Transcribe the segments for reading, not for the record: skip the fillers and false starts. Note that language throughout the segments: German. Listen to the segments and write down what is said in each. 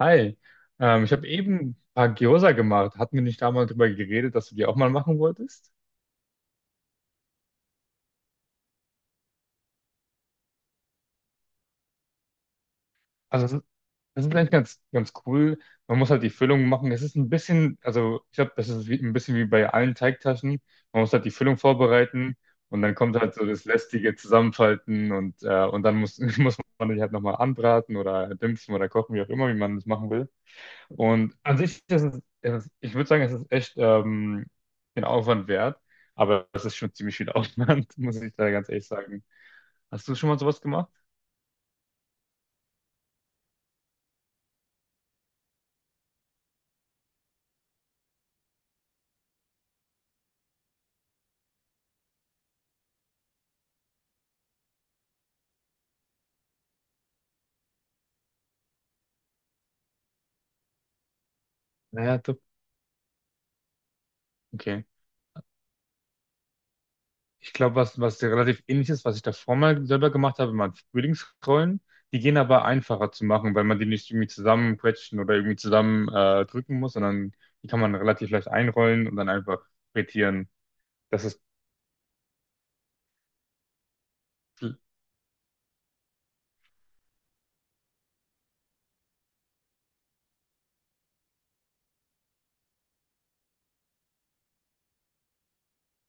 Hi, ich habe eben ein paar Gyoza gemacht. Hatten wir nicht da mal drüber geredet, dass du die auch mal machen wolltest? Also das ist eigentlich ganz, ganz cool. Man muss halt die Füllung machen. Es ist ein bisschen, also ich glaube, das ist wie, ein bisschen wie bei allen Teigtaschen. Man muss halt die Füllung vorbereiten, und dann kommt halt so das lästige Zusammenfalten und dann muss man die halt nochmal anbraten oder dämpfen oder kochen, wie auch immer, wie man das machen will. Und an sich ist es, ich würde sagen, es ist echt den Aufwand wert, aber es ist schon ziemlich viel Aufwand, muss ich da ganz ehrlich sagen. Hast du schon mal sowas gemacht? Naja, top. Okay. Ich glaube, was relativ ähnlich ist, was ich davor mal selber gemacht habe, waren Frühlingsrollen. Die gehen aber einfacher zu machen, weil man die nicht irgendwie zusammenquetschen oder irgendwie zusammen drücken muss, sondern die kann man relativ leicht einrollen und dann einfach frittieren. Das ist.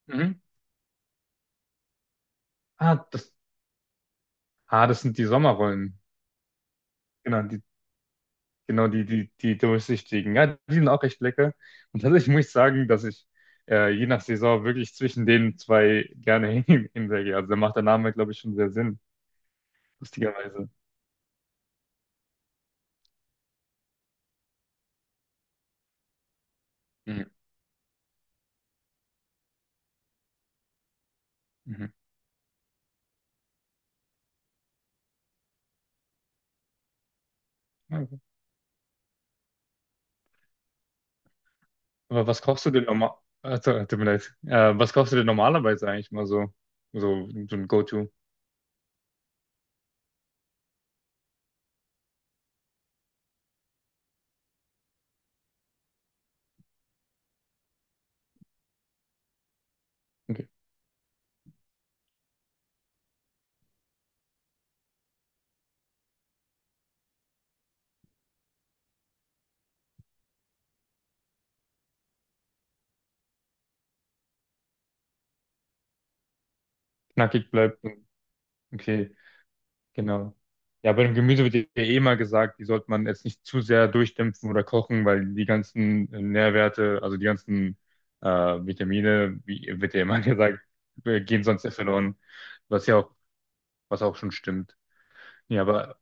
Mhm. Ah, das, das sind die Sommerrollen. Genau, die Genau, die durchsichtigen. Ja, die sind auch echt lecker. Und tatsächlich muss ich sagen, dass ich je nach Saison wirklich zwischen den zwei gerne hinwege. Also da macht der Name, glaube ich, schon sehr Sinn, lustigerweise. Mhm. Mhm. Ja. Aber was kochst du denn normal? Tut mir leid. Was kochst du denn normalerweise eigentlich mal so? So ein Go-To. Okay. Knackig bleibt. Okay. Genau. Ja, bei dem Gemüse wird ja eh immer gesagt, die sollte man jetzt nicht zu sehr durchdämpfen oder kochen, weil die ganzen Nährwerte, also die ganzen Vitamine, wie wird ja immer gesagt, gehen sonst ja verloren, was ja auch, was auch schon stimmt. Ja, aber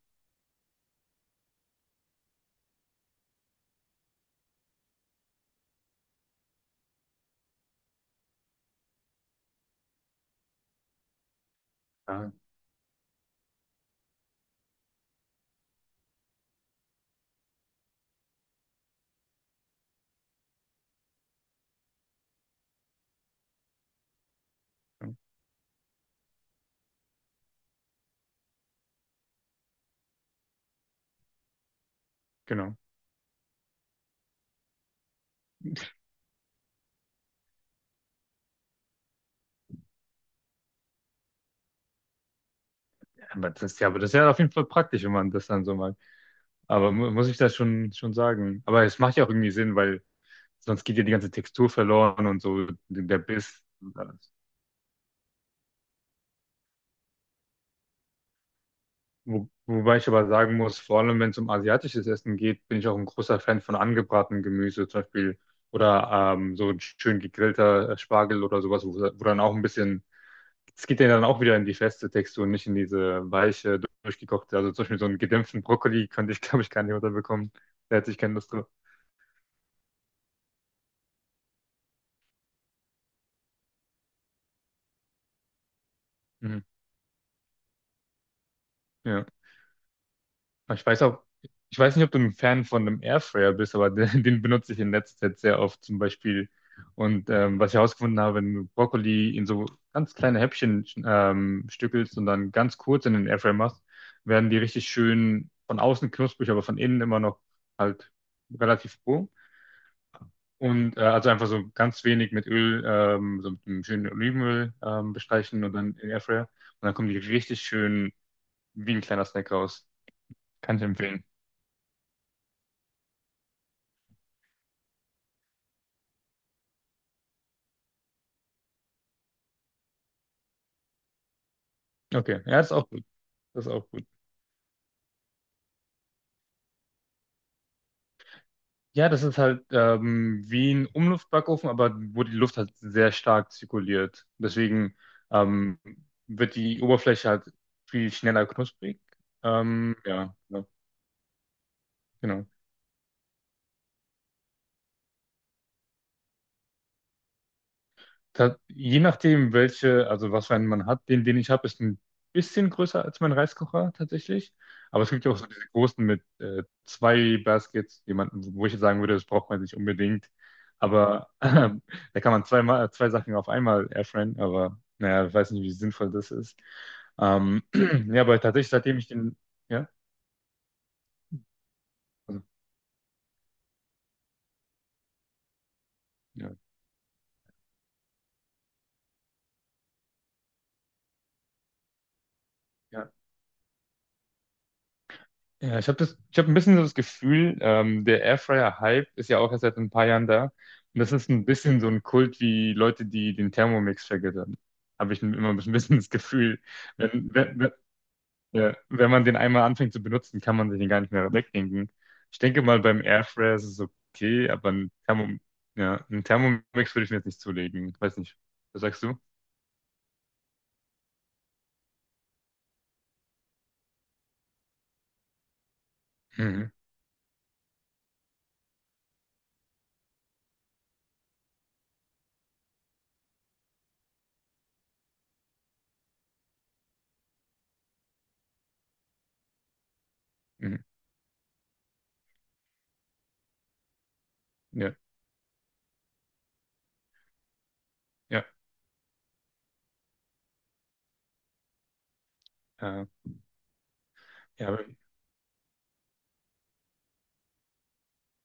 ja, genau. Ja, aber das ist ja auf jeden Fall praktisch, wenn man das dann so mag. Aber mu muss ich das schon sagen. Aber es macht ja auch irgendwie Sinn, weil sonst geht ja die ganze Textur verloren und so der Biss. Wobei ich aber sagen muss, vor allem wenn es um asiatisches Essen geht, bin ich auch ein großer Fan von angebratenem Gemüse, zum Beispiel oder so ein schön gegrillter Spargel oder sowas, wo dann auch ein bisschen, es geht ja dann auch wieder in die feste Textur, nicht in diese weiche, durchgekochte. Also zum Beispiel so einen gedämpften Brokkoli könnte ich, glaube ich, gar nicht unterbekommen. Da hätte ich keine Lust drauf. Mhm. Ja. Ich weiß auch, ich weiß nicht, ob du ein Fan von einem Airfryer bist, aber den benutze ich in letzter Zeit sehr oft zum Beispiel. Und was ich herausgefunden habe: wenn du Brokkoli in so ganz kleine Häppchen stückelst und dann ganz kurz in den Airfryer machst, werden die richtig schön von außen knusprig, aber von innen immer noch halt relativ roh. Und also einfach so ganz wenig mit Öl, so mit einem schönen Olivenöl bestreichen und dann in den Airfryer. Und dann kommen die richtig schön wie ein kleiner Snack raus. Kann ich empfehlen. Okay, ja, ist auch gut. Das ist auch gut. Ja, das ist halt wie ein Umluftbackofen, aber wo die Luft halt sehr stark zirkuliert. Deswegen ähm, wird die Oberfläche halt viel schneller knusprig. Ja, ja, genau. Da, je nachdem, welche, also was für einen man hat, den ich habe, ist ein bisschen größer als mein Reiskocher tatsächlich. Aber es gibt ja auch so diese großen mit zwei Baskets, jemanden, wo ich jetzt sagen würde, das braucht man nicht unbedingt. Aber da kann man zwei Sachen auf einmal airfryen, aber naja, ich weiß nicht, wie sinnvoll das ist. Ähm, ja, aber tatsächlich, seitdem ich den, ja, also, ja, ja. Ja, ich habe das, ich habe ein bisschen so das Gefühl, der Airfryer-Hype ist ja auch erst seit ein paar Jahren da. Und das ist ein bisschen so ein Kult wie Leute, die den Thermomix vergöttern. Habe ich immer ein bisschen das Gefühl, wenn, wenn, wenn, ja, wenn man den einmal anfängt zu benutzen, kann man den gar nicht mehr wegdenken. Ich denke mal, beim Airfryer ist es okay, aber ja, ein Thermomix würde ich mir jetzt nicht zulegen. Weiß nicht. Was sagst du? Mhm. Mhm. Ja, ja, äh, ja.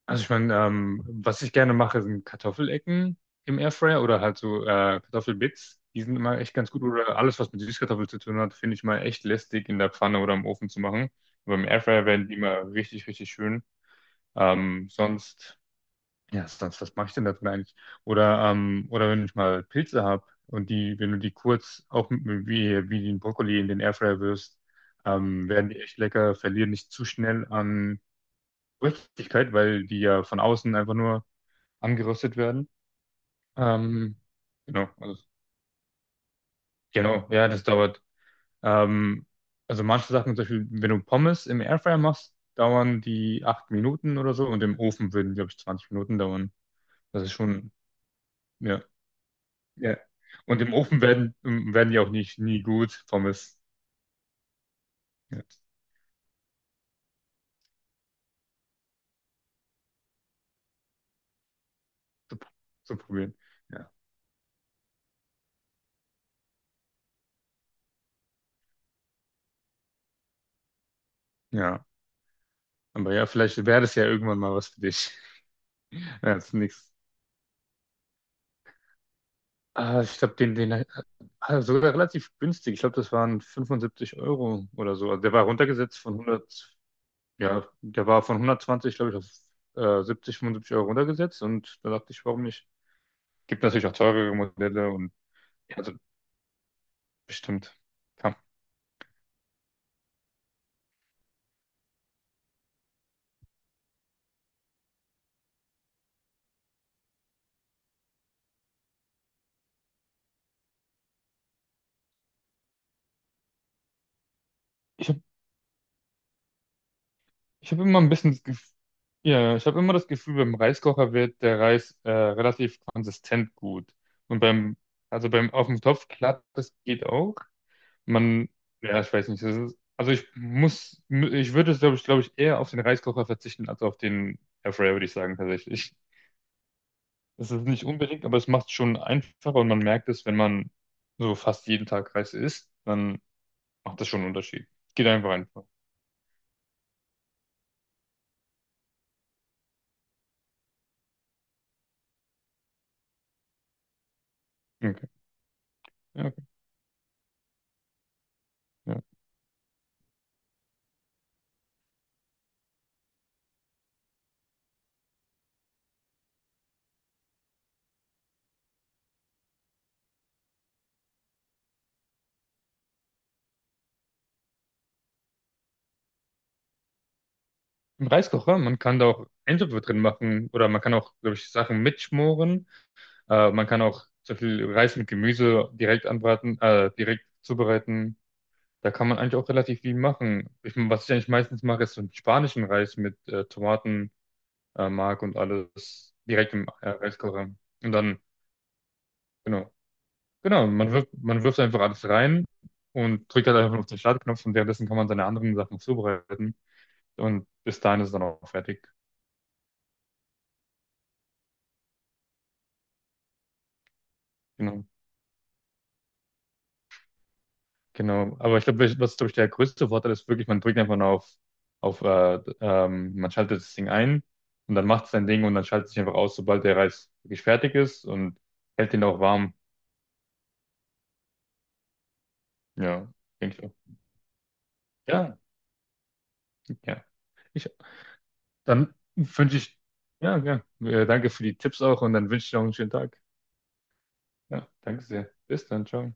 Also ich meine, was ich gerne mache, sind Kartoffelecken im Airfryer oder halt so Kartoffelbits. Die sind immer echt ganz gut. Oder alles, was mit Süßkartoffeln zu tun hat, finde ich mal echt lästig in der Pfanne oder im Ofen zu machen. Aber im Airfryer werden die immer richtig, richtig schön. Ähm, sonst, ja, sonst, was mache ich denn dazu eigentlich? Oder, oder wenn ich mal Pilze habe und wenn du die kurz auch wie den Brokkoli in den Airfryer wirfst, werden die echt lecker, verlieren nicht zu schnell an Richtigkeit, weil die ja von außen einfach nur angeröstet werden. Ähm, genau, also, genau, ja, das dauert. Ähm, also manche Sachen, zum Beispiel, wenn du Pommes im Airfryer machst, dauern die 8 Minuten oder so, und im Ofen würden, glaube ich, 20 Minuten dauern. Das ist schon, ja, ja. Und im Ofen werden die auch nicht nie gut, Pommes, ja, zu, zu probieren. Ja, ja. Aber ja, vielleicht wäre das ja irgendwann mal was für dich. Ja, zunächst. Ah, ich glaube, sogar relativ günstig. Ich glaube, das waren 75 € oder so. Also der war runtergesetzt von 100, ja, der war von 120, glaube ich, auf 70, 75 € runtergesetzt. Und da dachte ich, warum nicht? Gibt natürlich auch teurere Modelle und ja, also bestimmt. Ja. Ich habe ich hab immer ein bisschen, ja, ich habe immer das Gefühl, beim Reiskocher wird der Reis relativ konsistent gut. Und also beim auf dem Topf klappt das, geht auch. Man, ja, ich weiß nicht. Das ist, also ich muss, ich würde es, glaube ich, eher auf den Reiskocher verzichten als auf den Airfryer, würde ich sagen, tatsächlich. Es ist nicht unbedingt, aber es macht es schon einfacher, und man merkt es, wenn man so fast jeden Tag Reis isst, dann macht das schon einen Unterschied. Geht einfach einfach. Okay. Ja, okay. Ja. Im Reiskocher, man kann da auch Eintöpfe drin machen oder man kann auch, glaube ich, Sachen mitschmoren. Man kann auch zum Beispiel Reis mit Gemüse direkt anbraten, direkt zubereiten. Da kann man eigentlich auch relativ viel machen. Ich meine, was ich eigentlich meistens mache, ist so einen spanischen Reis mit Tomaten, Mark und alles direkt im Reiskocher. Und dann, genau, genau, man wirft einfach alles rein und drückt halt einfach auf den Startknopf, und währenddessen kann man seine anderen Sachen zubereiten. Und bis dahin ist es dann auch fertig. Genau. Genau, aber ich glaube, was glaube ich der größte Vorteil ist, wirklich, man drückt einfach nur auf man schaltet das Ding ein, und dann macht es sein Ding und dann schaltet es sich einfach aus, sobald der Reis wirklich fertig ist, und hält den auch warm. Ja, denke ich auch. Ja, ja. Ich, dann wünsche ich, ja, ja, danke für die Tipps auch, und dann wünsche ich noch einen schönen Tag. Ja, danke sehr. Bis dann, ciao.